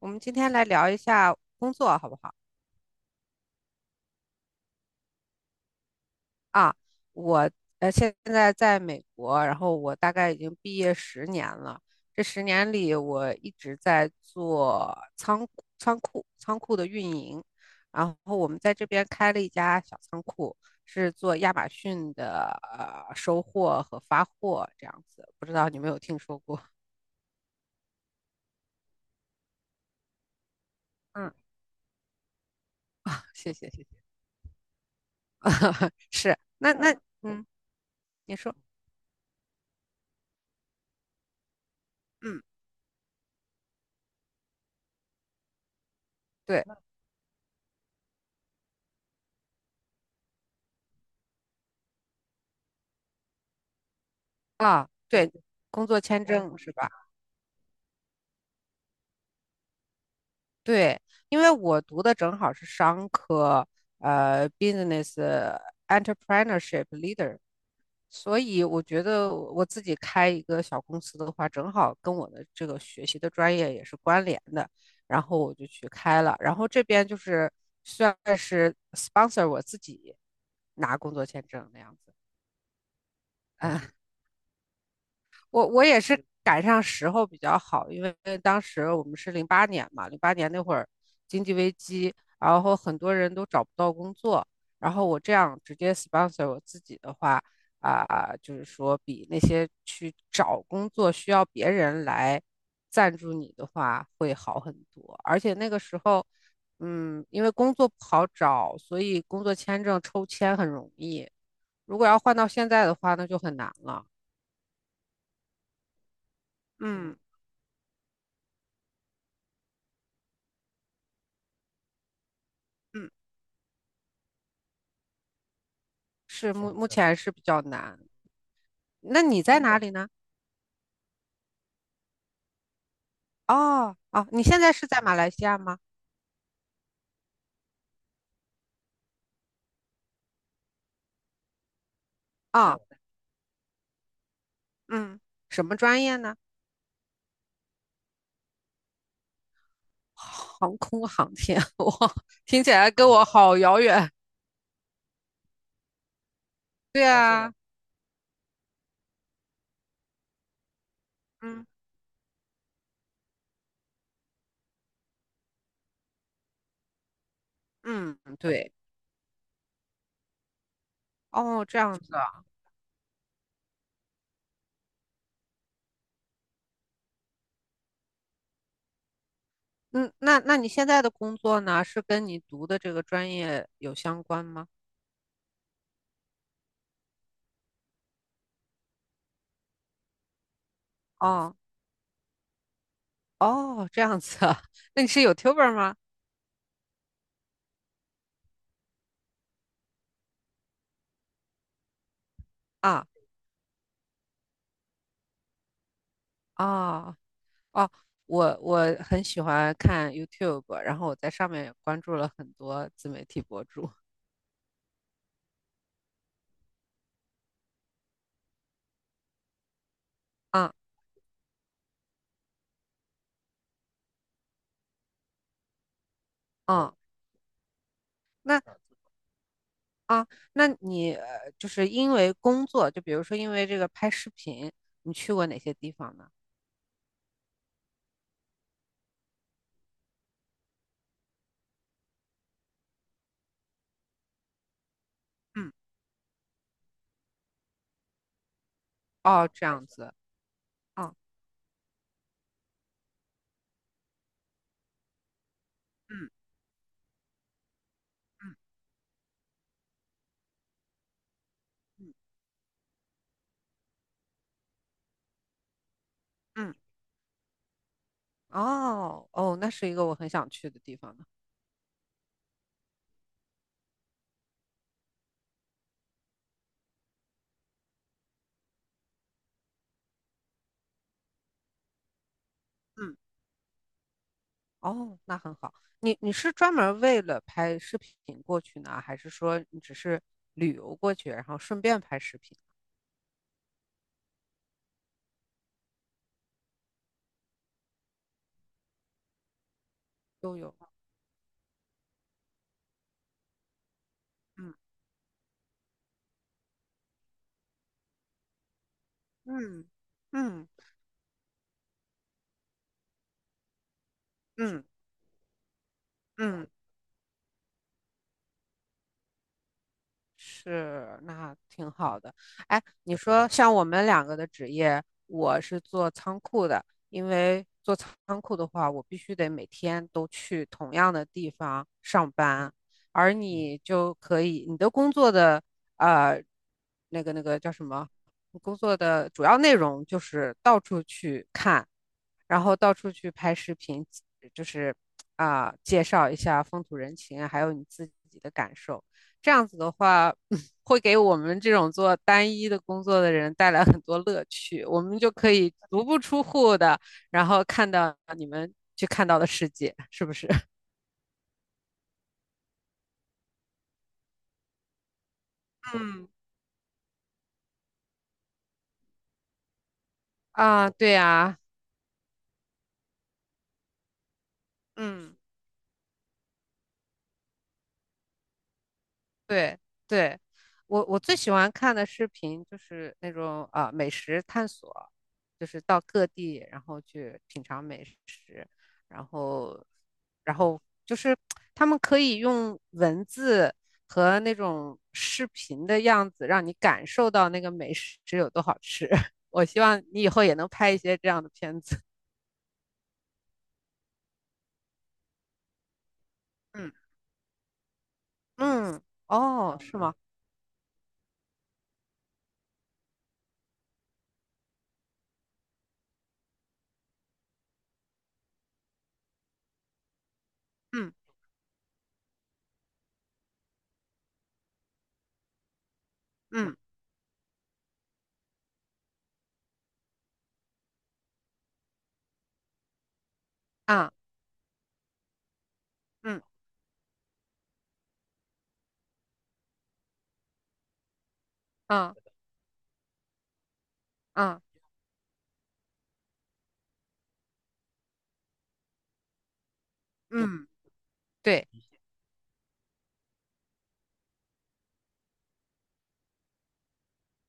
我们今天来聊一下工作，好不好？啊，我现在在美国，然后我大概已经毕业十年了。这十年里，我一直在做仓库的运营。然后我们在这边开了一家小仓库，是做亚马逊的收货和发货这样子。不知道你有没有听说过？嗯，啊，谢谢谢谢，是，那嗯，你说，嗯。对。啊，对，工作签证是吧？对，因为我读的正好是商科，business entrepreneurship leader，所以我觉得我自己开一个小公司的话，正好跟我的这个学习的专业也是关联的，然后我就去开了，然后这边就是算是 sponsor 我自己拿工作签证那样子，我也是赶上时候比较好，因为当时我们是零八年嘛，零八年那会儿经济危机，然后很多人都找不到工作，然后我这样直接 sponsor 我自己的话，啊、就是说比那些去找工作需要别人来赞助你的话会好很多，而且那个时候。嗯，因为工作不好找，所以工作签证抽签很容易。如果要换到现在的话，那就很难了。嗯。是目前是比较难。那你在哪里呢？哦哦，你现在是在马来西亚吗？啊、嗯，什么专业呢？航空航天，哇，听起来跟我好遥远。对啊，是啊的嗯嗯，嗯对，哦，这样子啊。嗯，那你现在的工作呢，是跟你读的这个专业有相关吗？哦哦，这样子啊。那你是 YouTuber 吗？啊啊。哦哦，我很喜欢看 YouTube，然后我在上面也关注了很多自媒体博主。啊啊，那啊，那你就是因为工作，就比如说因为这个拍视频，你去过哪些地方呢？嗯，哦，这样子。哦，嗯嗯嗯嗯，哦哦，那是一个我很想去的地方呢。嗯，哦，那很好。你是专门为了拍视频过去呢，还是说你只是旅游过去，然后顺便拍视频？都有。嗯嗯嗯嗯嗯，是，那挺好的。哎，你说像我们两个的职业，我是做仓库的，因为做仓库的话，我必须得每天都去同样的地方上班，而你就可以，你的工作的呃，那个叫什么？你工作的主要内容就是到处去看，然后到处去拍视频，就是啊、介绍一下风土人情啊还有你自己的感受。这样子的话，会给我们这种做单一的工作的人带来很多乐趣。我们就可以足不出户的，然后看到你们去看到的世界，是不是？嗯啊，对呀，嗯，对对，我最喜欢看的视频就是那种啊、美食探索，就是到各地然后去品尝美食，然后然后就是他们可以用文字和那种视频的样子让你感受到那个美食有多好吃。我希望你以后也能拍一些这样的片子。嗯 嗯，哦，是吗？嗯嗯啊嗯啊啊嗯，对。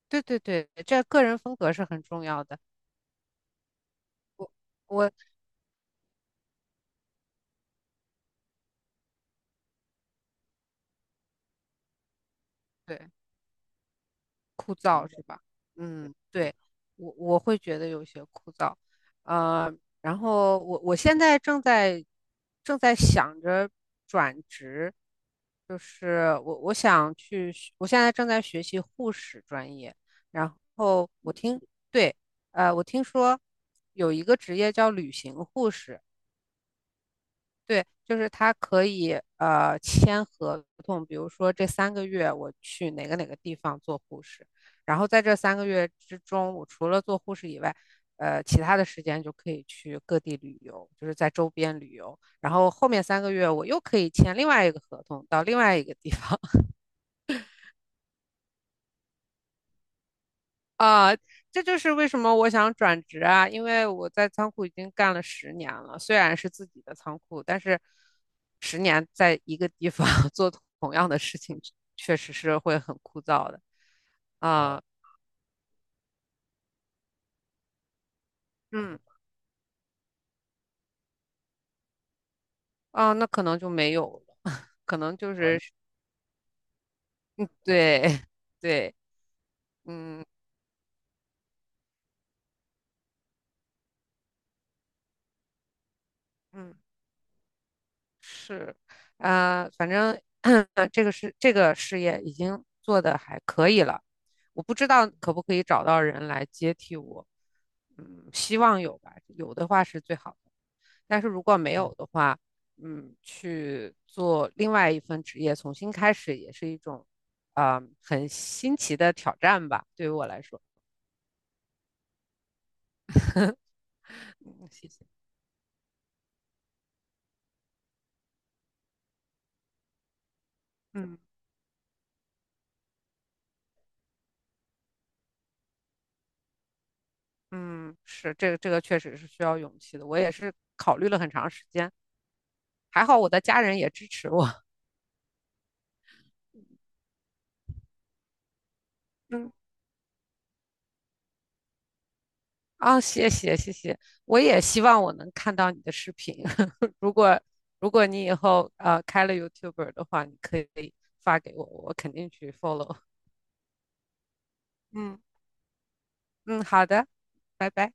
对对对，这个人风格是很重要的。我对，枯燥是吧？嗯，对，我会觉得有些枯燥，呃，然后我现在正在想着转职，就是我想去学我现在正在学习护士专业，然后对，我听说有一个职业叫旅行护士。对，就是他可以签合同，比如说这三个月我去哪个地方做护士，然后在这三个月之中，我除了做护士以外，其他的时间就可以去各地旅游，就是在周边旅游。然后后面三个月我又可以签另外一个合同到另外一个地方，啊、这就是为什么我想转职啊，因为我在仓库已经干了十年了，虽然是自己的仓库，但是十年在一个地方 做同样的事情，确实是会很枯燥的。啊、啊嗯，啊、那可能就没有了，可能就啊是对 对，嗯嗯。是，反正 这个事业已经做的还可以了，我不知道可不可以找到人来接替我，嗯，希望有吧，有的话是最好的，但是如果没有的话，嗯，去做另外一份职业，重新开始也是一种，啊、很新奇的挑战吧，对于我来说，嗯，谢谢。嗯嗯，是这个确实是需要勇气的，我也是考虑了很长时间。还好我的家人也支持我。嗯，啊，谢谢谢谢，我也希望我能看到你的视频。如果如果你以后开了 YouTuber 的话，你可以发给我，我肯定去 follow。嗯嗯，好的，拜拜。